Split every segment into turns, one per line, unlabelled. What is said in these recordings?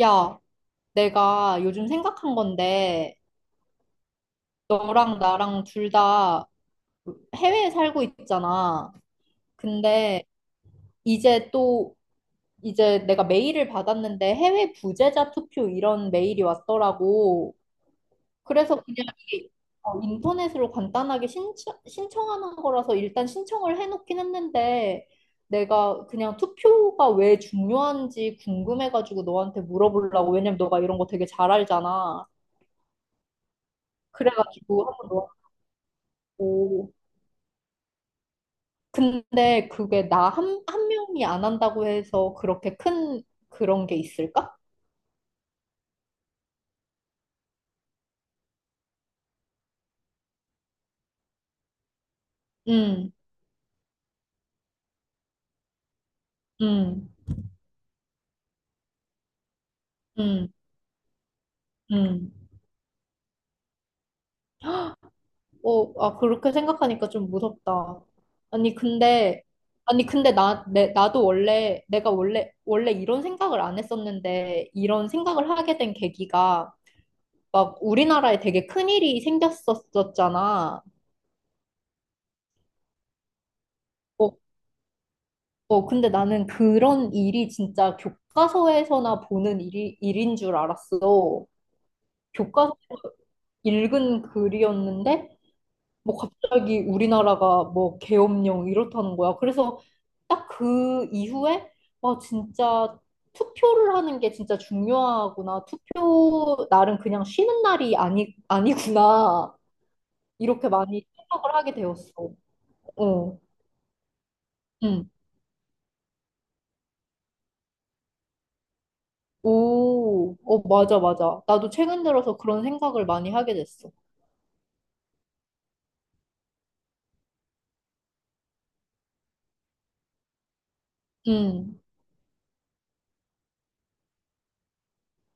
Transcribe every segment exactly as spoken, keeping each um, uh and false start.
야, 내가 요즘 생각한 건데, 너랑 나랑 둘 다 해외에 살고 있잖아. 근데 이제 또, 이제 내가 메일을 받았는데 해외 부재자 투표 이런 메일이 왔더라고. 그래서 그냥 이게, 어, 인터넷으로 간단하게 신청, 신청하는 거라서 일단 신청을 해놓긴 했는데, 내가 그냥 투표가 왜 중요한지 궁금해가지고 너한테 물어보려고. 왜냐면 너가 이런 거 되게 잘 알잖아. 그래가지고 한번 오. 근데 그게 나 한, 한 명이 안 한다고 해서 그렇게 큰 그런 게 있을까? 음, 음, 음, 음. 어, 아, 그렇게 생각하니까 좀 무섭다. 아니, 근데, 아니, 근데 나, 내, 나도 원래, 내가 원래, 원래 이런 생각을 안 했었는데, 이런 생각을 하게 된 계기가 막 우리나라에 되게 큰일이 생겼었잖아. 어, 근데 나는 그런 일이 진짜 교과서에서나 보는 일이, 일인 줄 알았어. 교과서 읽은 글이었는데, 뭐 갑자기 우리나라가 뭐 계엄령 이렇다는 거야. 그래서 딱 그 이후에, 와, 진짜 투표를 하는 게 진짜 중요하구나. 투표 날은 그냥 쉬는 날이 아니, 아니구나. 이렇게 많이 생각을 하게 되었어. 어, 응. 오, 어, 맞아, 맞아. 나도 최근 들어서 그런 생각을 많이 하게 됐어. 음,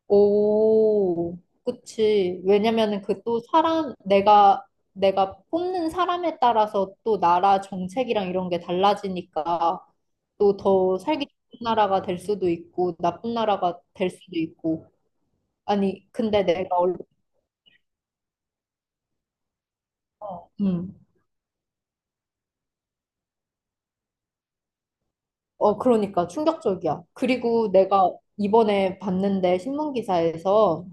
오, 그치. 왜냐면은 그 또 사람, 내가, 내가 뽑는 사람에 따라서 또 나라 정책이랑 이런 게 달라지니까 또 더 살기 좋은 나라가 될 수도 있고, 나쁜 나라가 될 수도 있고. 아니, 근데 내가, 얼- 음, 어, 그러니까 충격적이야. 그리고 내가 이번에 봤는데 신문 기사에서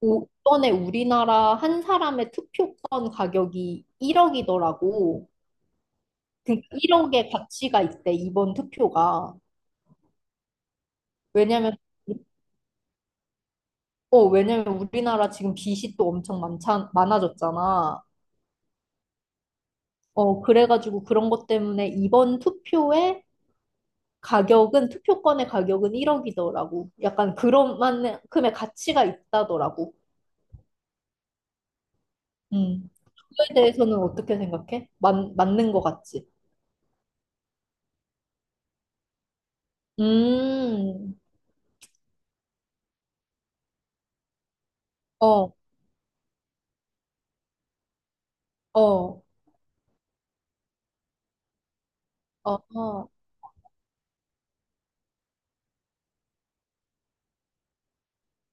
오- 이번에 우리나라 한 사람의 투표권 가격이 일억이더라고. 그러니까 일억의 가치가 있대, 이번 투표가. 왜냐면, 어, 왜냐면 우리나라 지금 빚이 또 엄청 많자, 많아졌잖아. 어, 그래가지고 그런 것 때문에 이번 투표의 가격은, 투표권의 가격은 일억이더라고. 약간 그런 만큼의 가치가 있다더라고. 음. 그거에 대해서는 어떻게 생각해? 맞, 맞는 것 같지? 음, 어, 어. 아,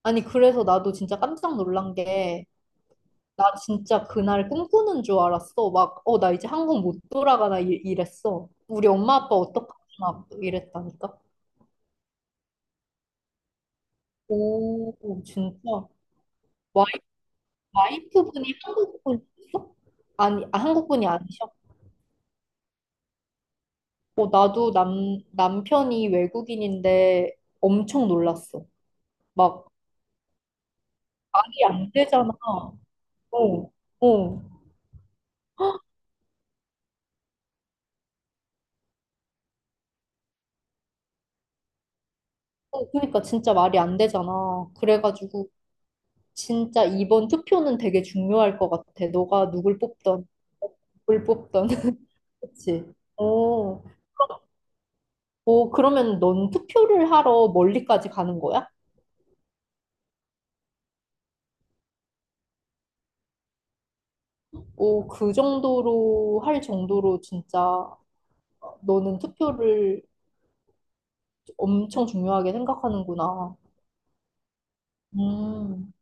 아니, 그래서 나도 진짜 깜짝 놀란 게, 나 진짜 그날 꿈꾸는 줄 알았어. 막, 어, 나 이제 한국 못 돌아가나 이, 이랬어. 우리 엄마 아빠 어떡하지? 막 이랬다니까. 오, 진짜. 와이, 와이프분이 한국분이셨어? 아니, 아, 한국분이 아니셔? 어, 나도 남, 남편이 외국인인데 엄청 놀랐어. 막, 말이 안 되잖아. 어, 어. 어, 그러니까 진짜 말이 안 되잖아. 그래가지고. 진짜 이번 투표는 되게 중요할 것 같아. 너가 누굴 뽑던, 누굴 뽑던. 그치? 오, 오, 그러면 넌 투표를 하러 멀리까지 가는 거야? 오, 그 정도로 할 정도로 진짜 너는 투표를 엄청 중요하게 생각하는구나. 음,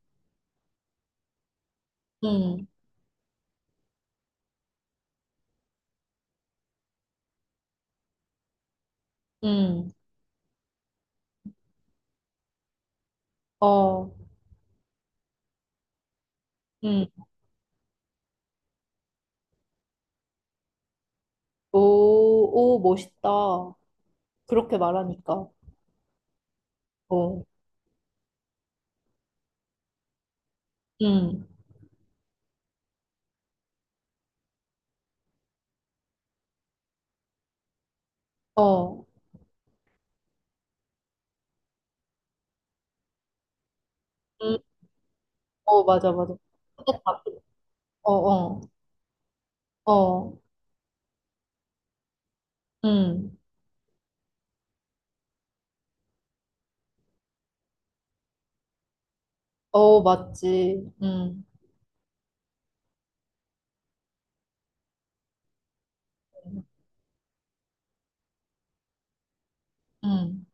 음, 음, 어, 음. 오, 오, 멋있다. 그렇게 말하니까. 어, 음, 어, 음, 어, 맞아, 맞아. 근데 다- 어, 어. 어, 응. 어, 맞지. 응, 응.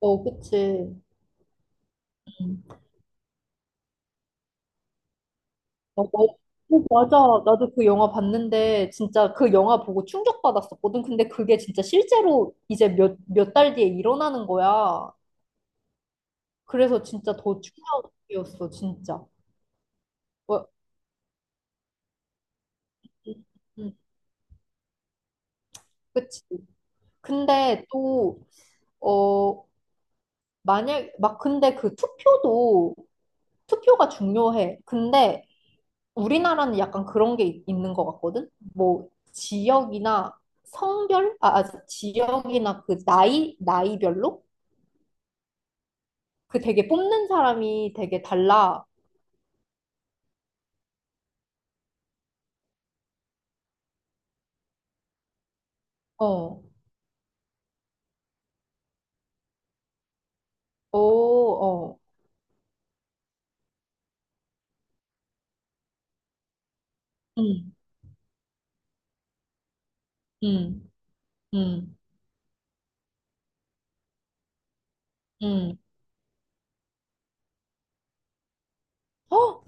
어, 그치. 응. 어, 어, 어, 맞아. 나도 그 영화 봤는데, 진짜 그 영화 보고 충격받았었거든. 근데 그게 진짜 실제로 이제 몇, 몇 달 뒤에 일어나는 거야. 그래서 진짜 더 충격이었어, 진짜. 어, 응, 응, 그치. 근데 또, 어, 만약, 막 근데 그 투표도, 투표가 중요해. 근데 우리나라는 약간 그런 게 있- 있는 것 같거든? 뭐, 지역이나 성별? 아, 아, 지역이나 그 나이, 나이별로? 그 되게 뽑는 사람이 되게 달라. 어, 오, 어, 음, 음, 음, 음. 어?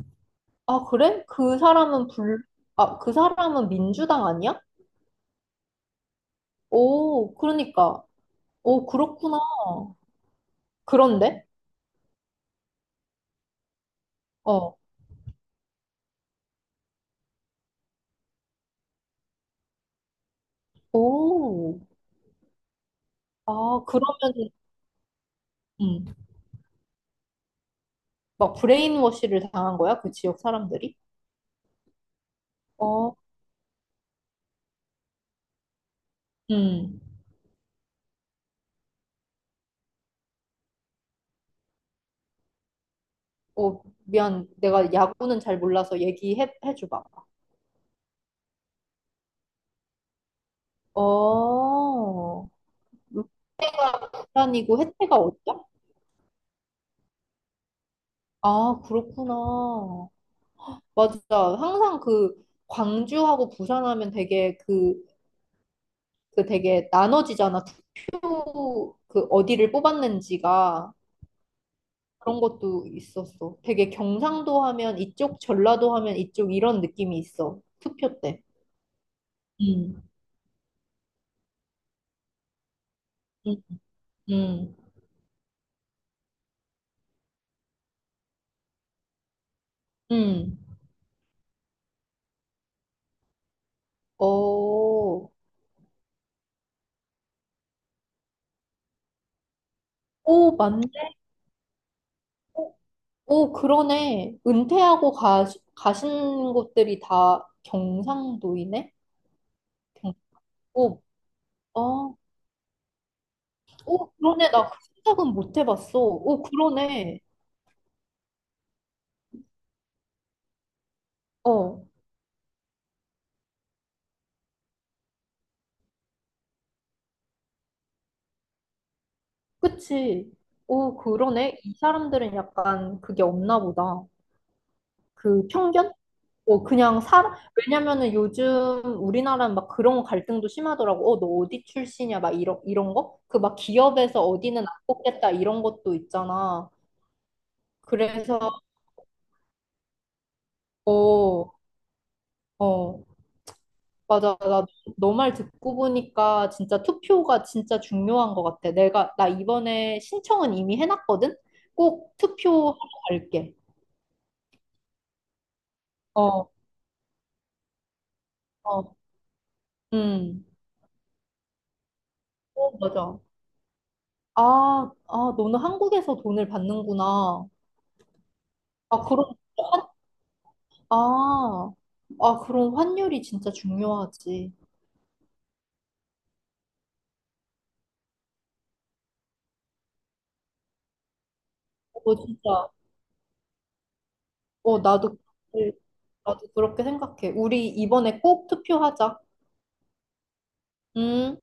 아, 그래? 그 사람은 불, 아, 그 사람은 민주당 아니야? 오, 그러니까. 오, 그렇구나. 그런데? 어, 오. 아, 그러면, 음. 막 브레인워시를 당한 거야? 그 지역 사람들이? 어, 음. 어, 미안. 내가 야구는 잘 몰라서 얘기해 줘 봐. 어, 루프란이고 혜태가 어디야? 아, 그렇구나. 맞아. 항상 그 광주하고 부산하면 되게 그, 그 되게 나눠지잖아. 투표 그 어디를 뽑았는지가 그런 것도 있었어. 되게 경상도 하면 이쪽, 전라도 하면 이쪽 이런 느낌이 있어. 투표 때. 음. 음, 음. 어, 오, 맞네. 오, 그러네. 은퇴하고 가, 가신 곳들이 다 경상도이네? 경상 어, 오, 그러네. 나 그 생각은 못 해봤어. 오, 그러네. 어, 그치. 오, 그러네. 이 사람들은 약간 그게 없나 보다. 그 편견? 어, 그냥 사람, 왜냐면은 요즘 우리나라는 막 그런 갈등도 심하더라고. 어, 너 어디 출신이야? 막 이런, 이런 거? 그 막 기업에서 어디는 안 뽑겠다 이런 것도 있잖아. 그래서, 어, 어, 맞아. 나 너 말 듣고 보니까 진짜 투표가 진짜 중요한 것 같아. 내가, 나 이번에 신청은 이미 해놨거든? 꼭 투표하러 갈게. 어, 어, 음. 어, 맞아. 아, 아, 너는 한국에서 돈을 받는구나. 아, 그럼 아, 아, 그런 환율이 진짜 중요하지. 어, 진짜. 어, 나도, 그렇게- 나도 그렇게 생각해. 우리 이번에 꼭 투표하자. 음.